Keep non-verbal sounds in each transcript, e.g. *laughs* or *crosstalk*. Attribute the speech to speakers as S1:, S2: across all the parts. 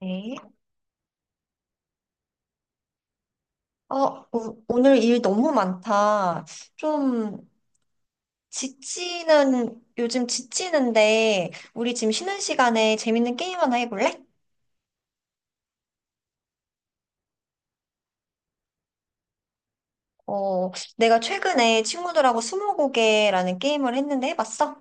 S1: 네. 오늘 일 너무 많다. 좀 요즘 지치는데, 우리 지금 쉬는 시간에 재밌는 게임 하나 해볼래? 어, 내가 최근에 친구들하고 스무고개라는 게임을 했는데 해봤어?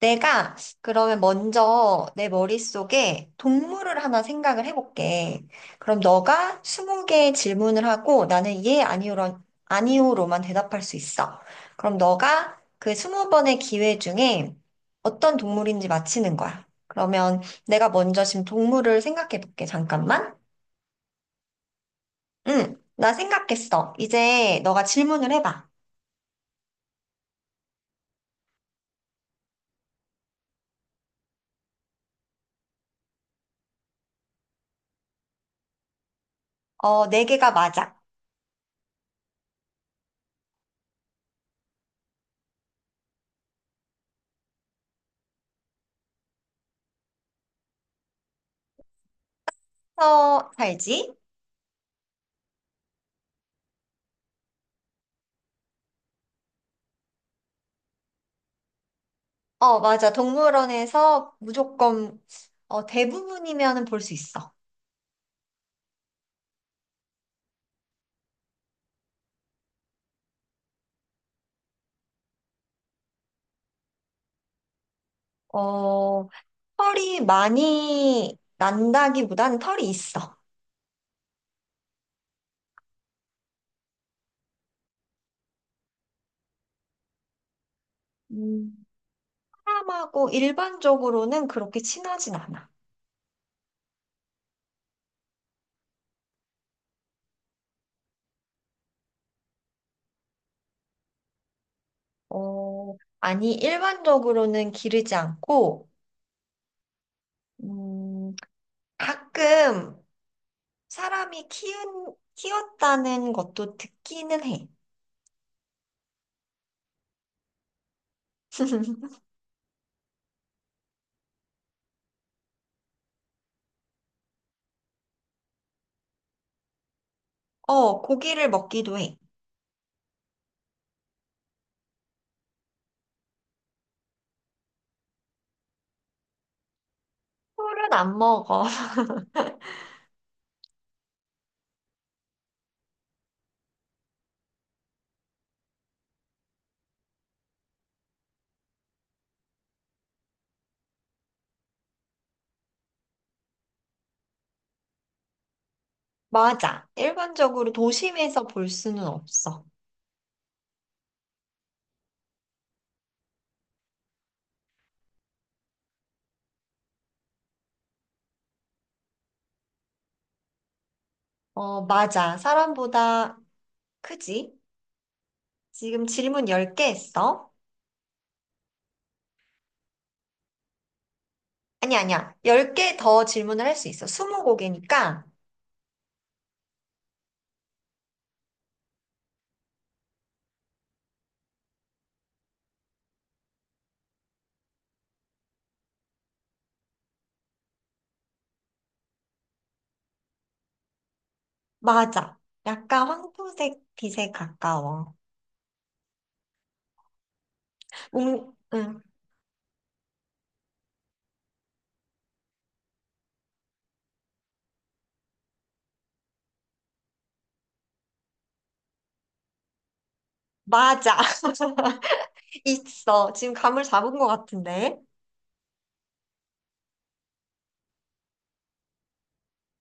S1: 내가 그러면 먼저 내 머릿속에 동물을 하나 생각을 해볼게. 그럼 너가 20개의 질문을 하고 나는 예, 아니오로만 대답할 수 있어. 그럼 너가 그 20번의 기회 중에 어떤 동물인지 맞히는 거야. 그러면 내가 먼저 지금 동물을 생각해 볼게. 잠깐만. 응, 나 생각했어. 이제 너가 질문을 해봐. 어, 네 개가 맞아. 서 살지? 어, 맞아. 동물원에서 무조건, 대부분이면은 볼 수 있어. 어, 털이 많이 난다기보다는 털이 있어. 음, 사람하고 일반적으로는 그렇게 친하진 않아. 어, 아니, 일반적으로는 기르지 않고, 음, 가끔 사람이 키웠다는 것도 듣기는 해. *laughs* 어, 고기를 먹기도 해. 털은 안 먹어. 맞아. 일반적으로 도심에서 볼 수는 없어. 어, 맞아. 사람보다 크지? 지금 질문 10개 했어? 아니, 아니야. 10개 더 질문을 할 수 있어. 20곡이니까. 맞아. 약간 황토색 빛에 가까워. 응, 응. 맞아. *laughs* 있어. 지금 감을 잡은 것 같은데.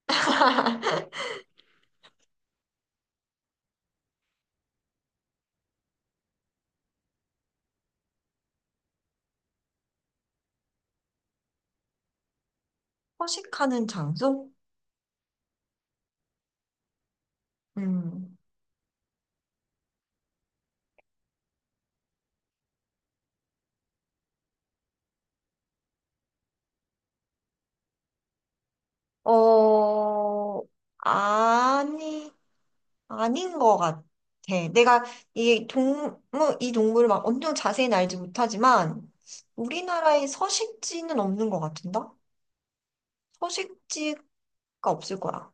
S1: *laughs* 허식하는 장소? 음. 어, 아니. 아닌 것 같아. 내가 이 동물, 이 동물을 막 엄청 자세히 알지 못하지만 우리나라에 서식지는 없는 것 같은다? 서식지가 없을 거야.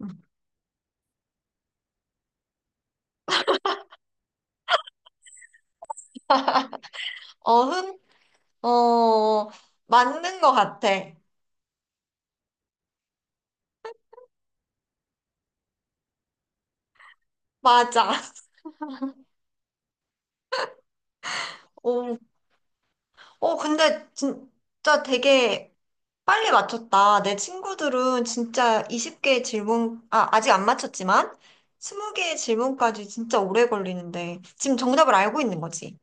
S1: 음. 어흥? 어, 맞는 것 같아. 맞아. *laughs* 오, 어, 근데 진짜 되게 빨리 맞췄다. 내 친구들은 진짜 20개의 질문, 아, 아직 안 맞췄지만 20개의 질문까지 진짜 오래 걸리는데 지금 정답을 알고 있는 거지.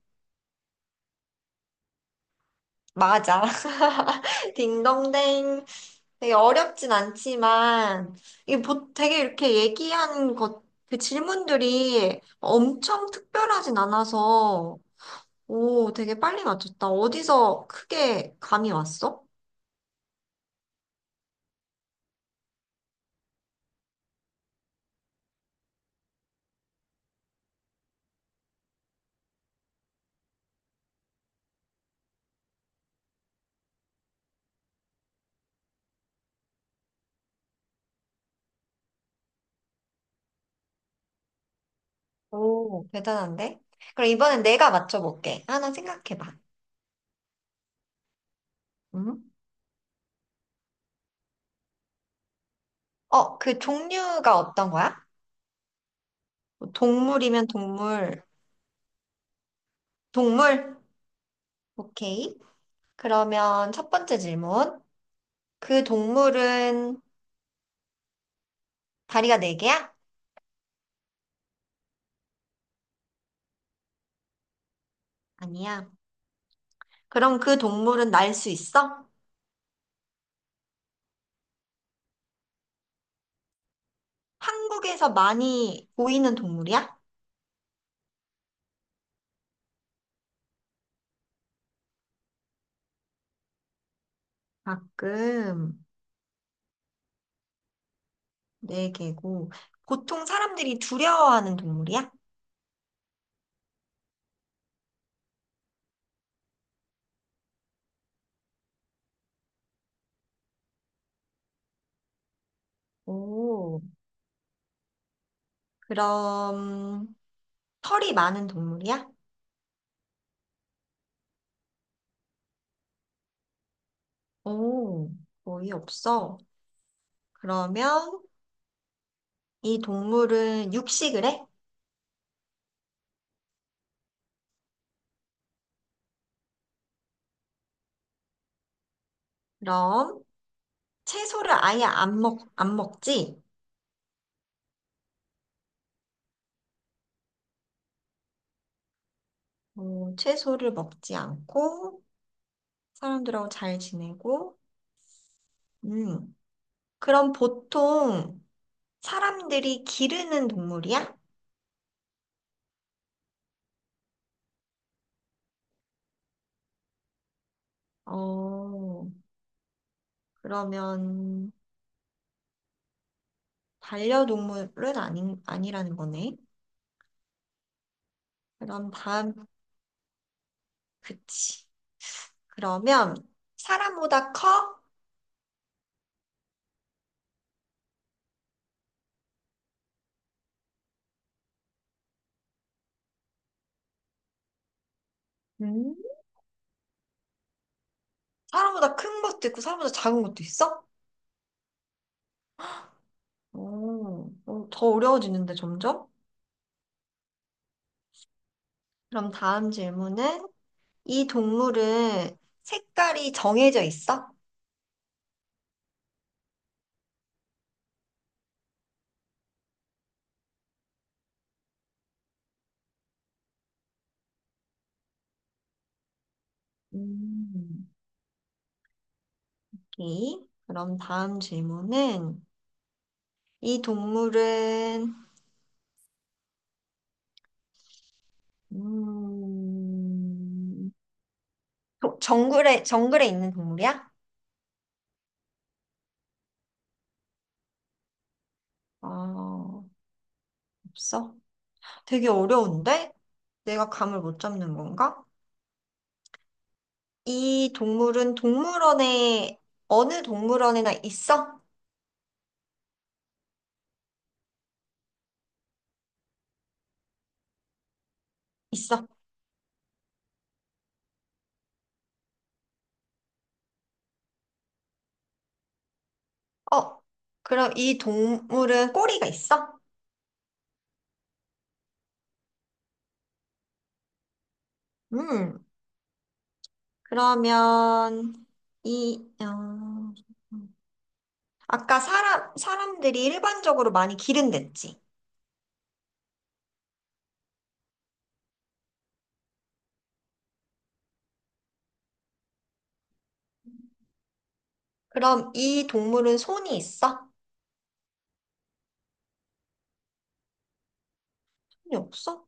S1: 맞아. *laughs* 딩동댕. 되게 어렵진 않지만, 이게 되게 이렇게 얘기한 것, 그 질문들이 엄청 특별하진 않아서, 오, 되게 빨리 맞췄다. 어디서 크게 감이 왔어? 오, 대단한데? 그럼 이번엔 내가 맞춰볼게. 하나 생각해봐. 응? 어, 그 종류가 어떤 거야? 뭐 동물이면 동물. 동물? 오케이. 그러면 첫 번째 질문. 그 동물은 다리가 네 개야? 아니야. 그럼 그 동물은 날 수 있어? 한국에서 많이 보이는 동물이야? 가끔 네 개고. 보통 사람들이 두려워하는 동물이야? 오, 그럼 털이 많은 동물이야? 오, 거의 없어. 그러면 이 동물은 육식을 해? 그럼 채소를 아예 안 먹지? 오, 채소를 먹지 않고 사람들하고 잘 지내고, 음. 그럼 보통 사람들이 기르는 동물이야? 어, 그러면 반려동물은 아니, 아니라는 거네. 그럼 다음, 그치. 그러면 사람보다 커? 음? 사람보다 큰 것도 있고 사람보다 작은 것도 있어? 오, 더 어려워지는데 점점? 그럼 다음 질문은 이 동물은 색깔이 정해져 있어? 음. 오케이. 그럼 다음 질문은 이 동물은 음, 정글에 있는 동물이야? 아, 없어? 되게 어려운데? 내가 감을 못 잡는 건가? 이 동물은 동물원에 어느 동물원에나 있어? 있어. 어, 그럼 이 동물은 꼬리가 있어? 음, 그러면 이 어, 아까 사람들이 일반적으로 많이 기른댔지? 그럼 이 동물은 손이 있어? 손이 없어?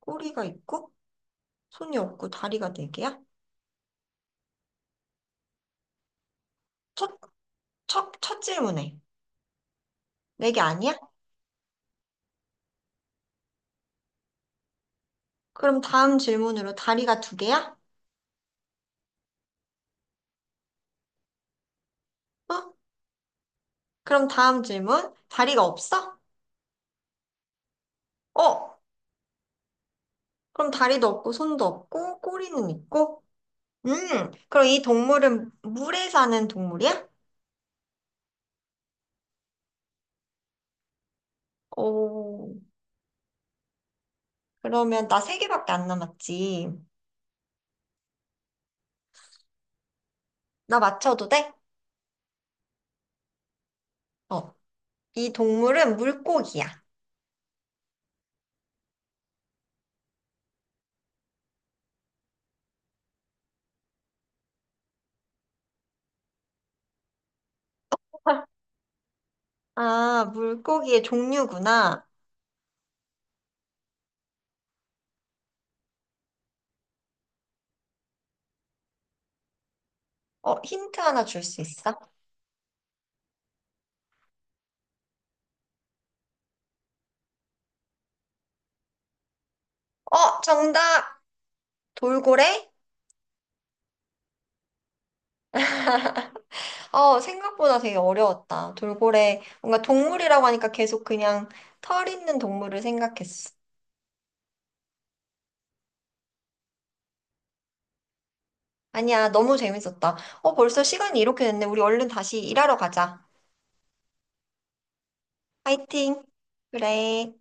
S1: 꼬리가 있고, 손이 없고, 다리가 네 개야? 첫, 첫 질문에. 네 개 아니야? 그럼 다음 질문으로 다리가 두 개야? 어? 그럼 다음 질문, 다리가 없어? 어? 그럼 다리도 없고, 손도 없고, 꼬리는 있고? 음, 그럼 이 동물은 물에 사는 동물이야? 오, 그러면 나 세 개밖에 안 남았지. 나 맞춰도 돼? 어, 이 동물은 물고기야. 아, 물고기의 종류구나. 힌트 하나 줄 수 있어? 어, 정답! 돌고래? 어, 생각보다 되게 어려웠다. 돌고래. 뭔가 동물이라고 하니까 계속 그냥 털 있는 동물을 생각했어. 아니야, 너무 재밌었다. 어, 벌써 시간이 이렇게 됐네. 우리 얼른 다시 일하러 가자. 파이팅! 그래.